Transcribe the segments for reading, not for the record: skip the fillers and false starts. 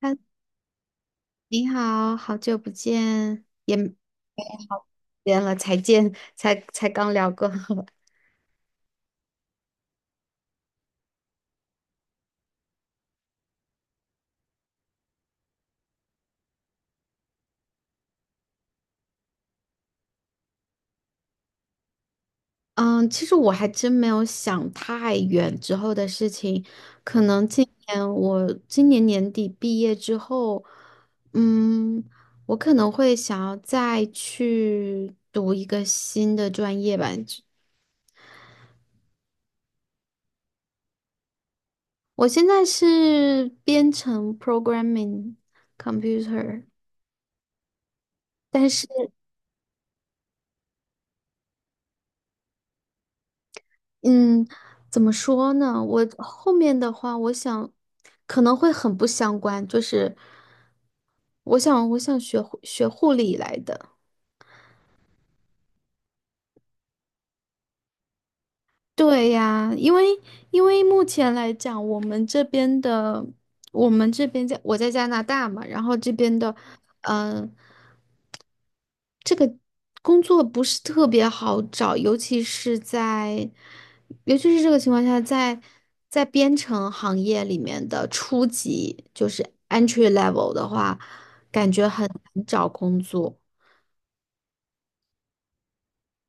嗨，你好，好久不见，也没 见了，才见，才刚聊过。嗯，其实我还真没有想太远之后的事情，可能今年我年底毕业之后，嗯，我可能会想要再去读一个新的专业吧。我现在是编程 programming computer。但是。嗯，怎么说呢？我后面的话，我想可能会很不相关，就是我想学护理来的。对呀，因为因为目前来讲，我们这边在我在加拿大嘛，然后这边的，嗯。工作不是特别好找，尤其是这个情况下，在编程行业里面的初级，就是 entry level 的话，感觉很难找工作。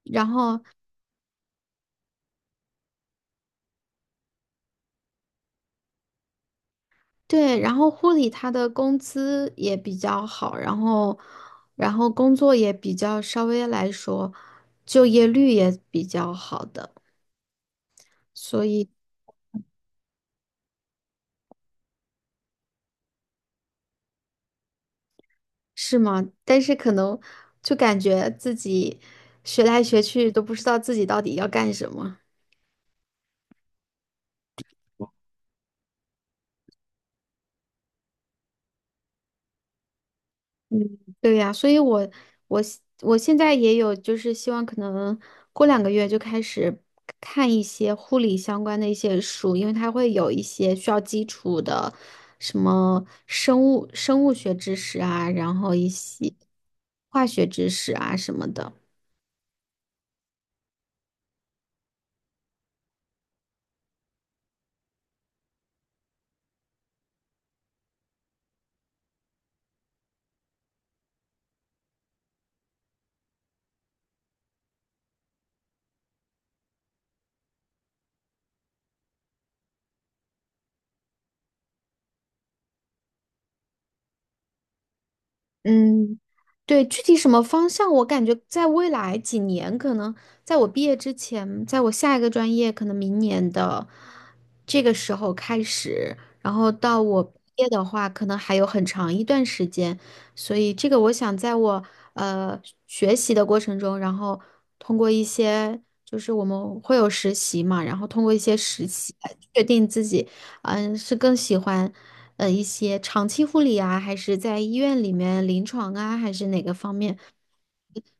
然后对，然后护理他的工资也比较好，然后工作也比较稍微来说，就业率也比较好的，所以。是吗？但是可能就感觉自己学来学去都不知道自己到底要干什么。嗯，对呀，所以我现在也有就是希望可能过两个月就开始看一些护理相关的一些书，因为它会有一些需要基础的什么生物学知识啊，然后一些化学知识啊什么的。嗯，对，具体什么方向，我感觉在未来几年，可能在我毕业之前，在我下一个专业，可能明年的这个时候开始，然后到我毕业的话，可能还有很长一段时间，所以这个我想在我呃学习的过程中，然后通过一些就是我们会有实习嘛，然后通过一些实习来确定自己。嗯，是更喜欢一些长期护理啊，还是在医院里面临床啊，还是哪个方面？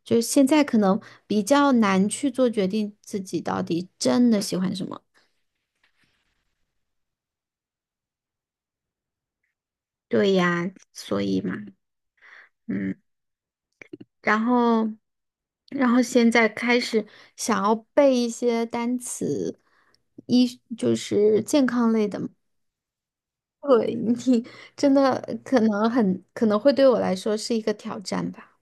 就是现在可能比较难去做决定，自己到底真的喜欢什么。对呀，所以嘛，嗯，然后，然后现在开始想要背一些单词，一，就是健康类的嘛对，你真的可能很可能会对我来说是一个挑战吧。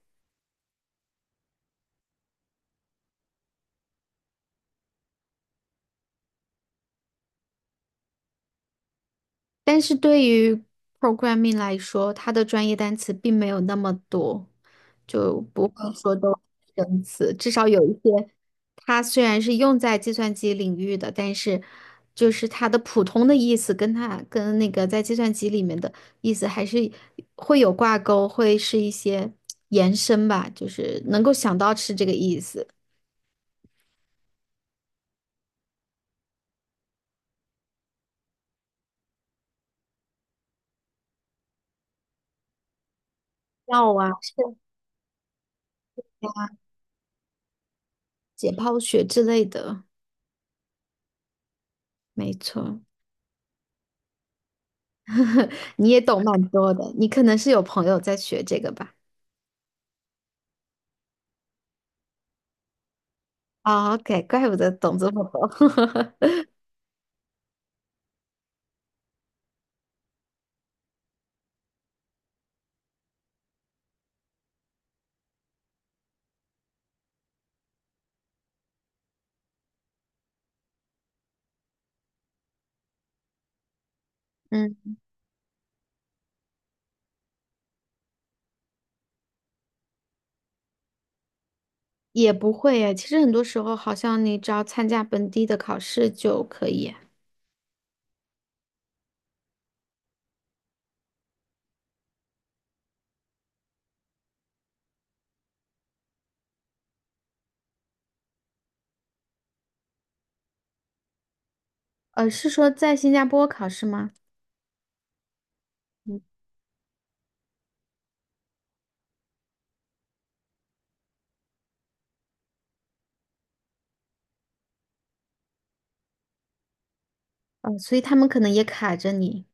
但是对于 programming 来说，它的专业单词并没有那么多，就不会说都是生词。至少有一些，它虽然是用在计算机领域的，但是就是它的普通的意思跟它跟那个在计算机里面的意思还是会有挂钩，会是一些延伸吧，就是能够想到是这个意思。药啊，是解剖学之类的，没错。你也懂蛮多的，你可能是有朋友在学这个吧？哦，OK，怪不得懂这么多。嗯，也不会诶，其实很多时候，好像你只要参加本地的考试就可以。呃，是说在新加坡考试吗？嗯，呃，所以他们可能也卡着你。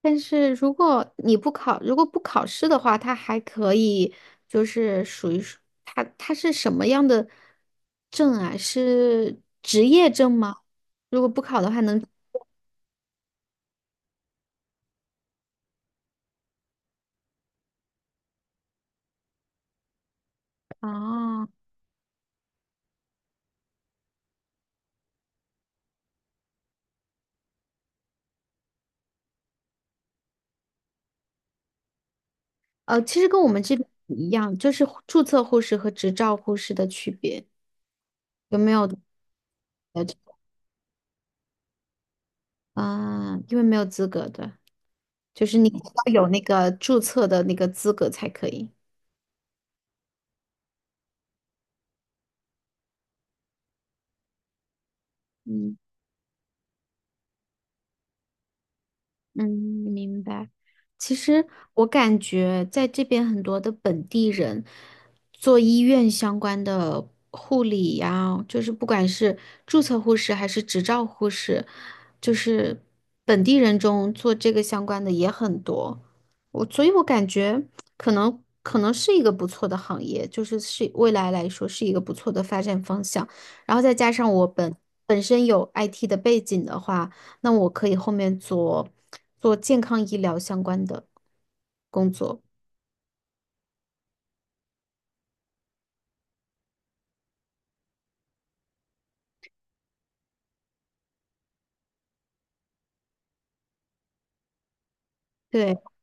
但是如果你不考，如果不考试的话，他还可以，就是属于是他是什么样的证啊？是职业证吗？如果不考的话，能哦，呃，其实跟我们这边一样，就是注册护士和执照护士的区别，有没有呃？啊、因为没有资格的，就是你要有那个注册的那个资格才可以。嗯。嗯，明白。其实我感觉在这边很多的本地人做医院相关的护理呀，就是不管是注册护士还是执照护士，就是本地人中做这个相关的也很多。我，所以我感觉可能是一个不错的行业，就是是未来来说是一个不错的发展方向。然后再加上本身有 IT 的背景的话。那我可以后面做健康医疗相关的工作。对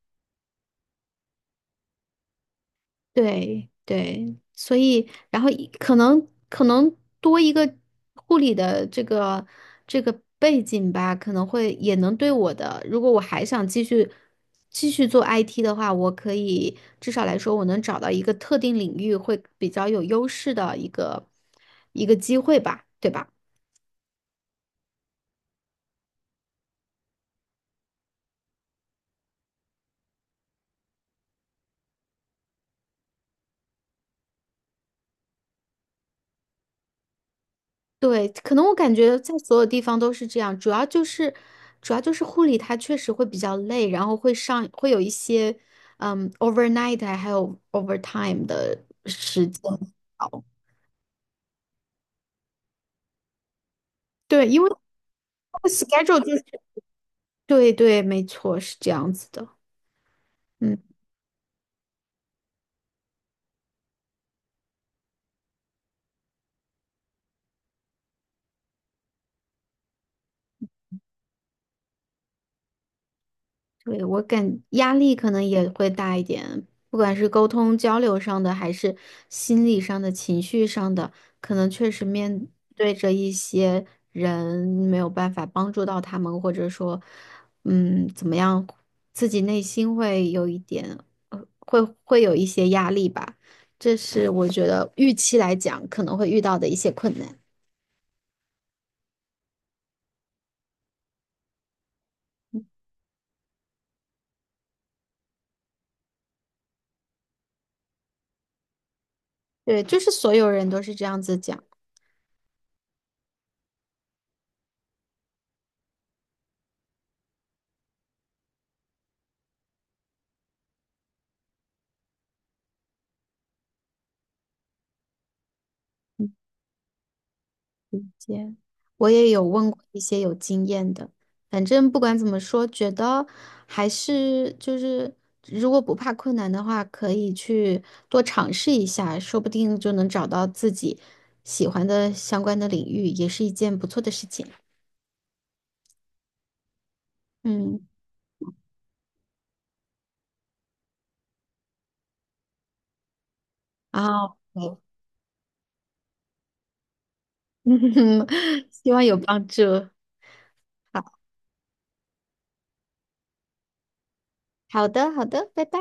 对对，所以然后一可能多一个护理的这个背景吧，可能会也能对我的，如果我还想继续做 IT 的话，我可以至少来说，我能找到一个特定领域会比较有优势的一个机会吧，对吧？对，可能我感觉在所有地方都是这样，主要就是护理它确实会比较累，然后会上会有一些，嗯，overnight 啊还有 overtime 的时间。对，因为它的 schedule 就是，对对，没错，是这样子的。嗯。对，我感压力可能也会大一点，不管是沟通交流上的，还是心理上的、情绪上的，可能确实面对着一些人没有办法帮助到他们，或者说，嗯，怎么样，自己内心会有一点，会有一些压力吧。这是我觉得预期来讲可能会遇到的一些困难。对，就是所有人都是这样子讲。理解，我也有问过一些有经验的，反正不管怎么说，觉得还是就是，如果不怕困难的话，可以去多尝试一下，说不定就能找到自己喜欢的相关的领域，也是一件不错的事情。嗯，啊，对 希望有帮助。好的，好的，拜拜。